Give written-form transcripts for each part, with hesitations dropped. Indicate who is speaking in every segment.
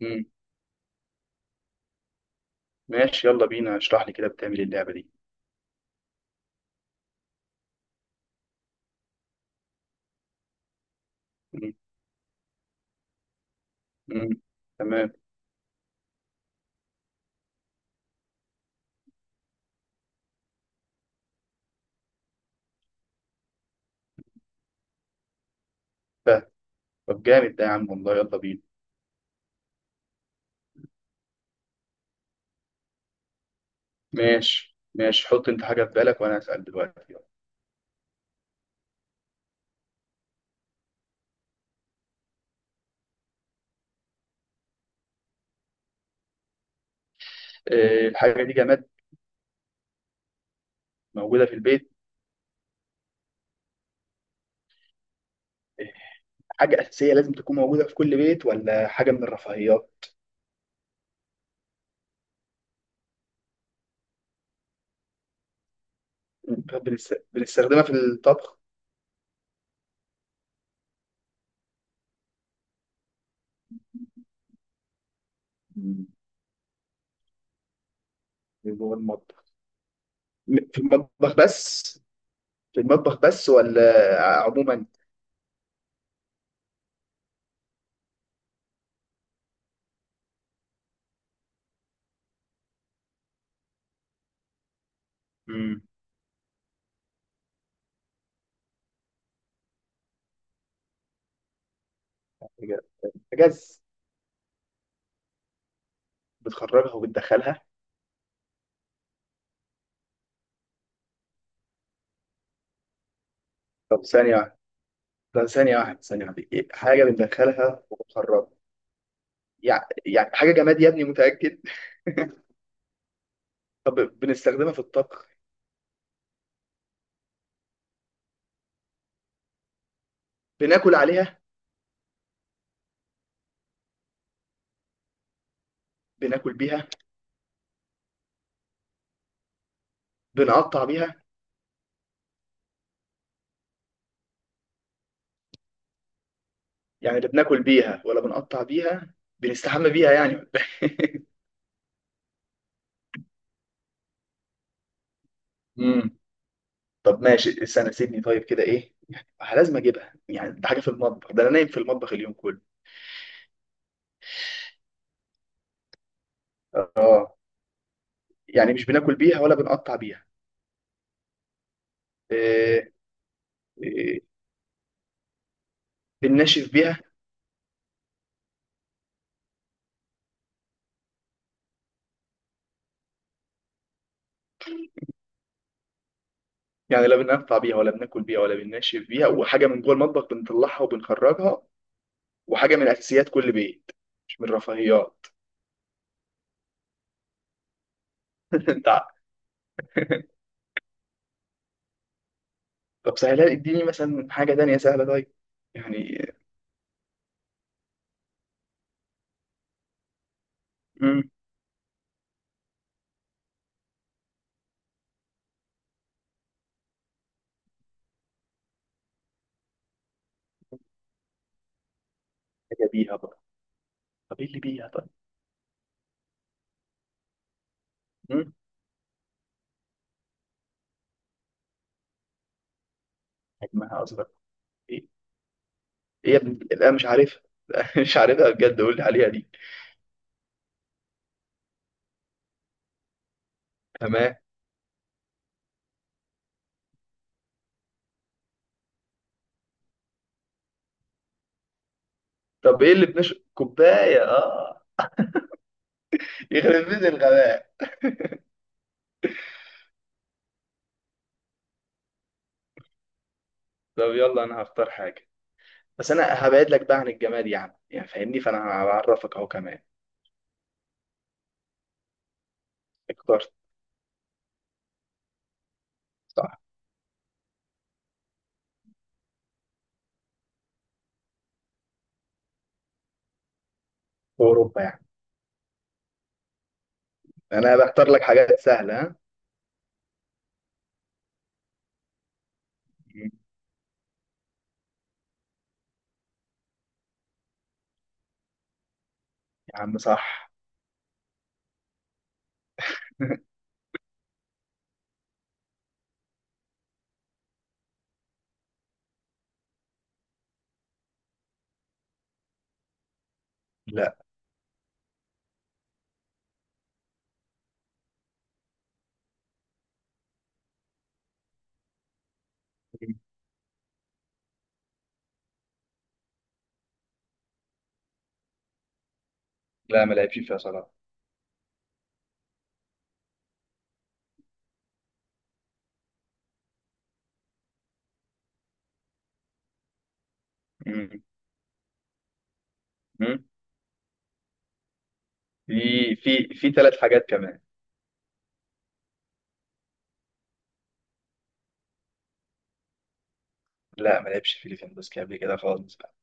Speaker 1: مم. ماشي يلا بينا، اشرح لي كده، بتعمل إيه اللعبة دي؟ مم. مم. تمام. فاهم. طب جامد ده يا عم والله، يلا بينا. ماشي ماشي، حط انت حاجة في بالك وانا هسأل دلوقتي يلا. الحاجة دي جماد؟ موجودة في البيت؟ آه، حاجة أساسية لازم تكون موجودة في كل بيت، ولا حاجة من الرفاهيات؟ طب بنستخدمها في الطبخ؟ مم. جوه المطبخ. في المطبخ بس؟ في المطبخ بس ولا عموما؟ مم. حاجة حاجة بتخرجها وبتدخلها؟ طب ثانية واحدة. ده ثانية واحدة، ثانية واحدة إيه؟ حاجة بندخلها وبنخرجها؟ يعني حاجة جماد يا ابني؟ متأكد؟ طب بنستخدمها في الطبخ؟ بناكل عليها؟ بناكل بيها؟ بنقطع بيها؟ يعني اللي بناكل بيها، ولا بنقطع بيها؟ بنستحمى بيها يعني ولا إيه؟ امم طب ماشي، استنى سيبني. طيب كده ايه يعني؟ لازم اجيبها يعني، ده حاجة في المطبخ؟ ده انا نايم في المطبخ اليوم كله. اه، يعني مش بناكل بيها ولا بنقطع بيها؟ إيه؟ إيه؟ بننشف بيها؟ يعني لا بننفع بيها ولا بناكل بيها ولا بننشف بيها، وحاجه من جوه المطبخ بنطلعها وبنخرجها، وحاجه من اساسيات كل بيت، مش من رفاهيات. انت ع- طب سهلها، اديني مثلا حاجه تانية سهله. طيب، يعني امم حاجه بيها بقى؟ طب ايه اللي بيها طيب؟ امم حجمها اصغر؟ ايه؟ ايه يا ابني، لا مش عارفها. مش عارفها بجد، قول لي عليها دي. تمام. طب ايه اللي كوبايه! اه، يخرب بيت الغباء. طب يلا، انا هختار حاجه، بس انا هبعد لك بقى عن الجماد يعني فاهمني، فانا هعرفك اهو كمان. اخترت. صح. في اوروبا يعني. انا بختار لك حاجات سهله ها. مم. يا عم صح. لا. مم. لا ما لعبش فيها صلاح. مم. مم. في في ثلاث حاجات كمان. لا ما لعبش فيليبينز قبل كده خالص بقى.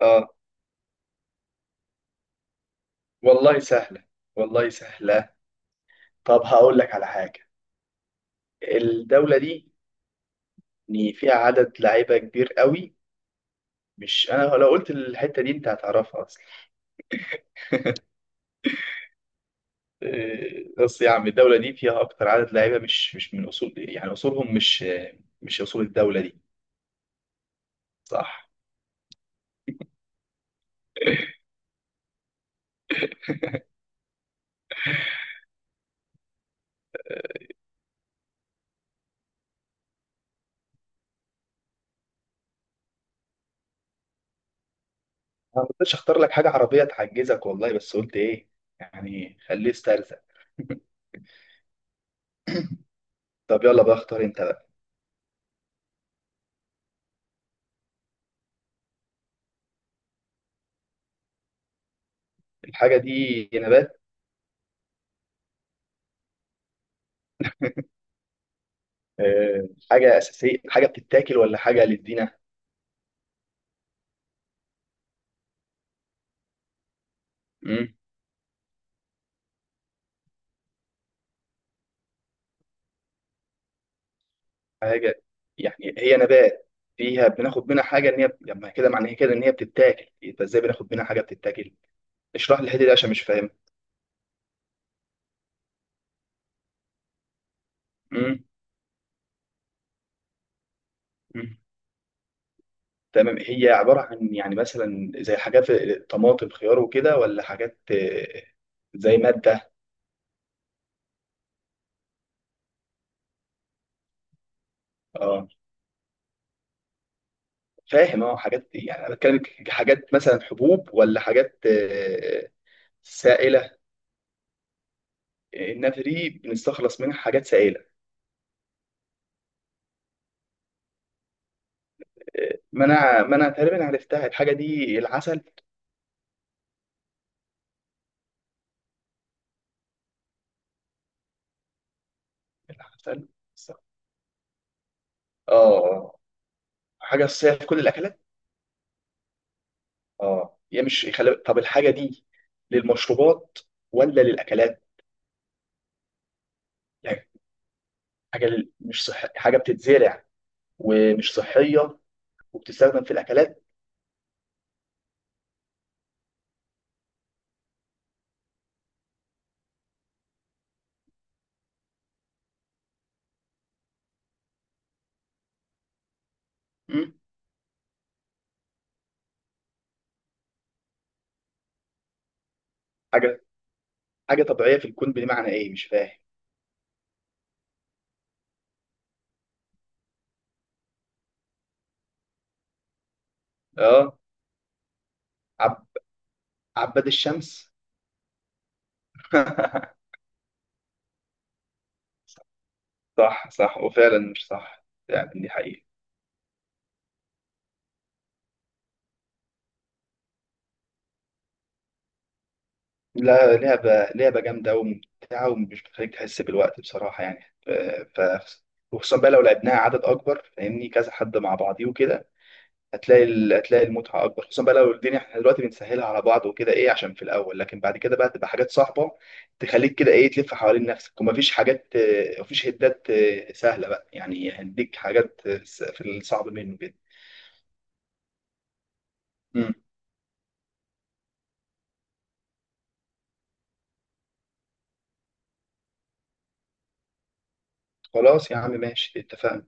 Speaker 1: اه. والله سهله، والله سهله. طب هقول لك على حاجه، الدوله دي إن فيها عدد لعيبه كبير قوي، مش انا لو قلت الحته دي انت هتعرفها اصلا. إيه، بص يا عم الدوله دي فيها اكتر عدد لعيبه مش من اصول، يعني اصولهم مش اصول الدوله دي. صح. انا ما كنتش اختار لك حاجه عربيه تعجزك والله، بس قلت ايه يعني، خليه استرزق. طب يلا بقى، اختار انت بقى. الحاجه دي نبات؟ أه. حاجه اساسيه، حاجه بتتاكل ولا حاجه للدينه؟ مم. حاجه يعني هي نبات فيها بناخد منها حاجه، ان هي لما كده معنى كده ان هي بتتاكل، يبقى ازاي بناخد منها حاجه بتتاكل؟ اشرح لي الحته دي عشان مش فاهم. مم. مم. تمام، هي عباره عن يعني مثلا زي حاجات طماطم خيار وكده، ولا حاجات زي ماده؟ اه فاهم، اه حاجات يعني انا بتكلم، حاجات مثلا حبوب، ولا حاجات سائله؟ الناتري بنستخلص منها حاجات سائله. ما انا تقريبا عرفتها الحاجه دي، العسل. العسل. اه. آه. حاجه اساسيه في كل الاكلات. اه هي مش طب الحاجه دي للمشروبات ولا للاكلات؟ يعني حاجه مش صح، حاجه بتتزرع ومش صحيه وبتستخدم في الاكلات. مم. حاجه حاجه طبيعيه في الكون، بمعنى ايه مش فاهم. اه، عباد الشمس؟ صح صح، وفعلا مش صح يعني، دي حقيقة. لا، لعبة جامدة وممتعة، ومش بتخليك تحس بالوقت بصراحة، يعني ف- وخصوصا بقى لو لعبناها عدد أكبر فاهمني، كذا حد مع بعضيه وكده، هتلاقي المتعة أكبر، خصوصا بقى لو الدنيا احنا دلوقتي بنسهلها على بعض وكده، إيه عشان في الأول، لكن بعد كده بقى تبقى حاجات صعبة تخليك كده إيه، تلف حوالين نفسك، ومفيش حاجات مفيش هدات سهلة بقى، يعني هنديك حاجات في الصعب منه كده. خلاص يا عم ماشي، اتفقنا.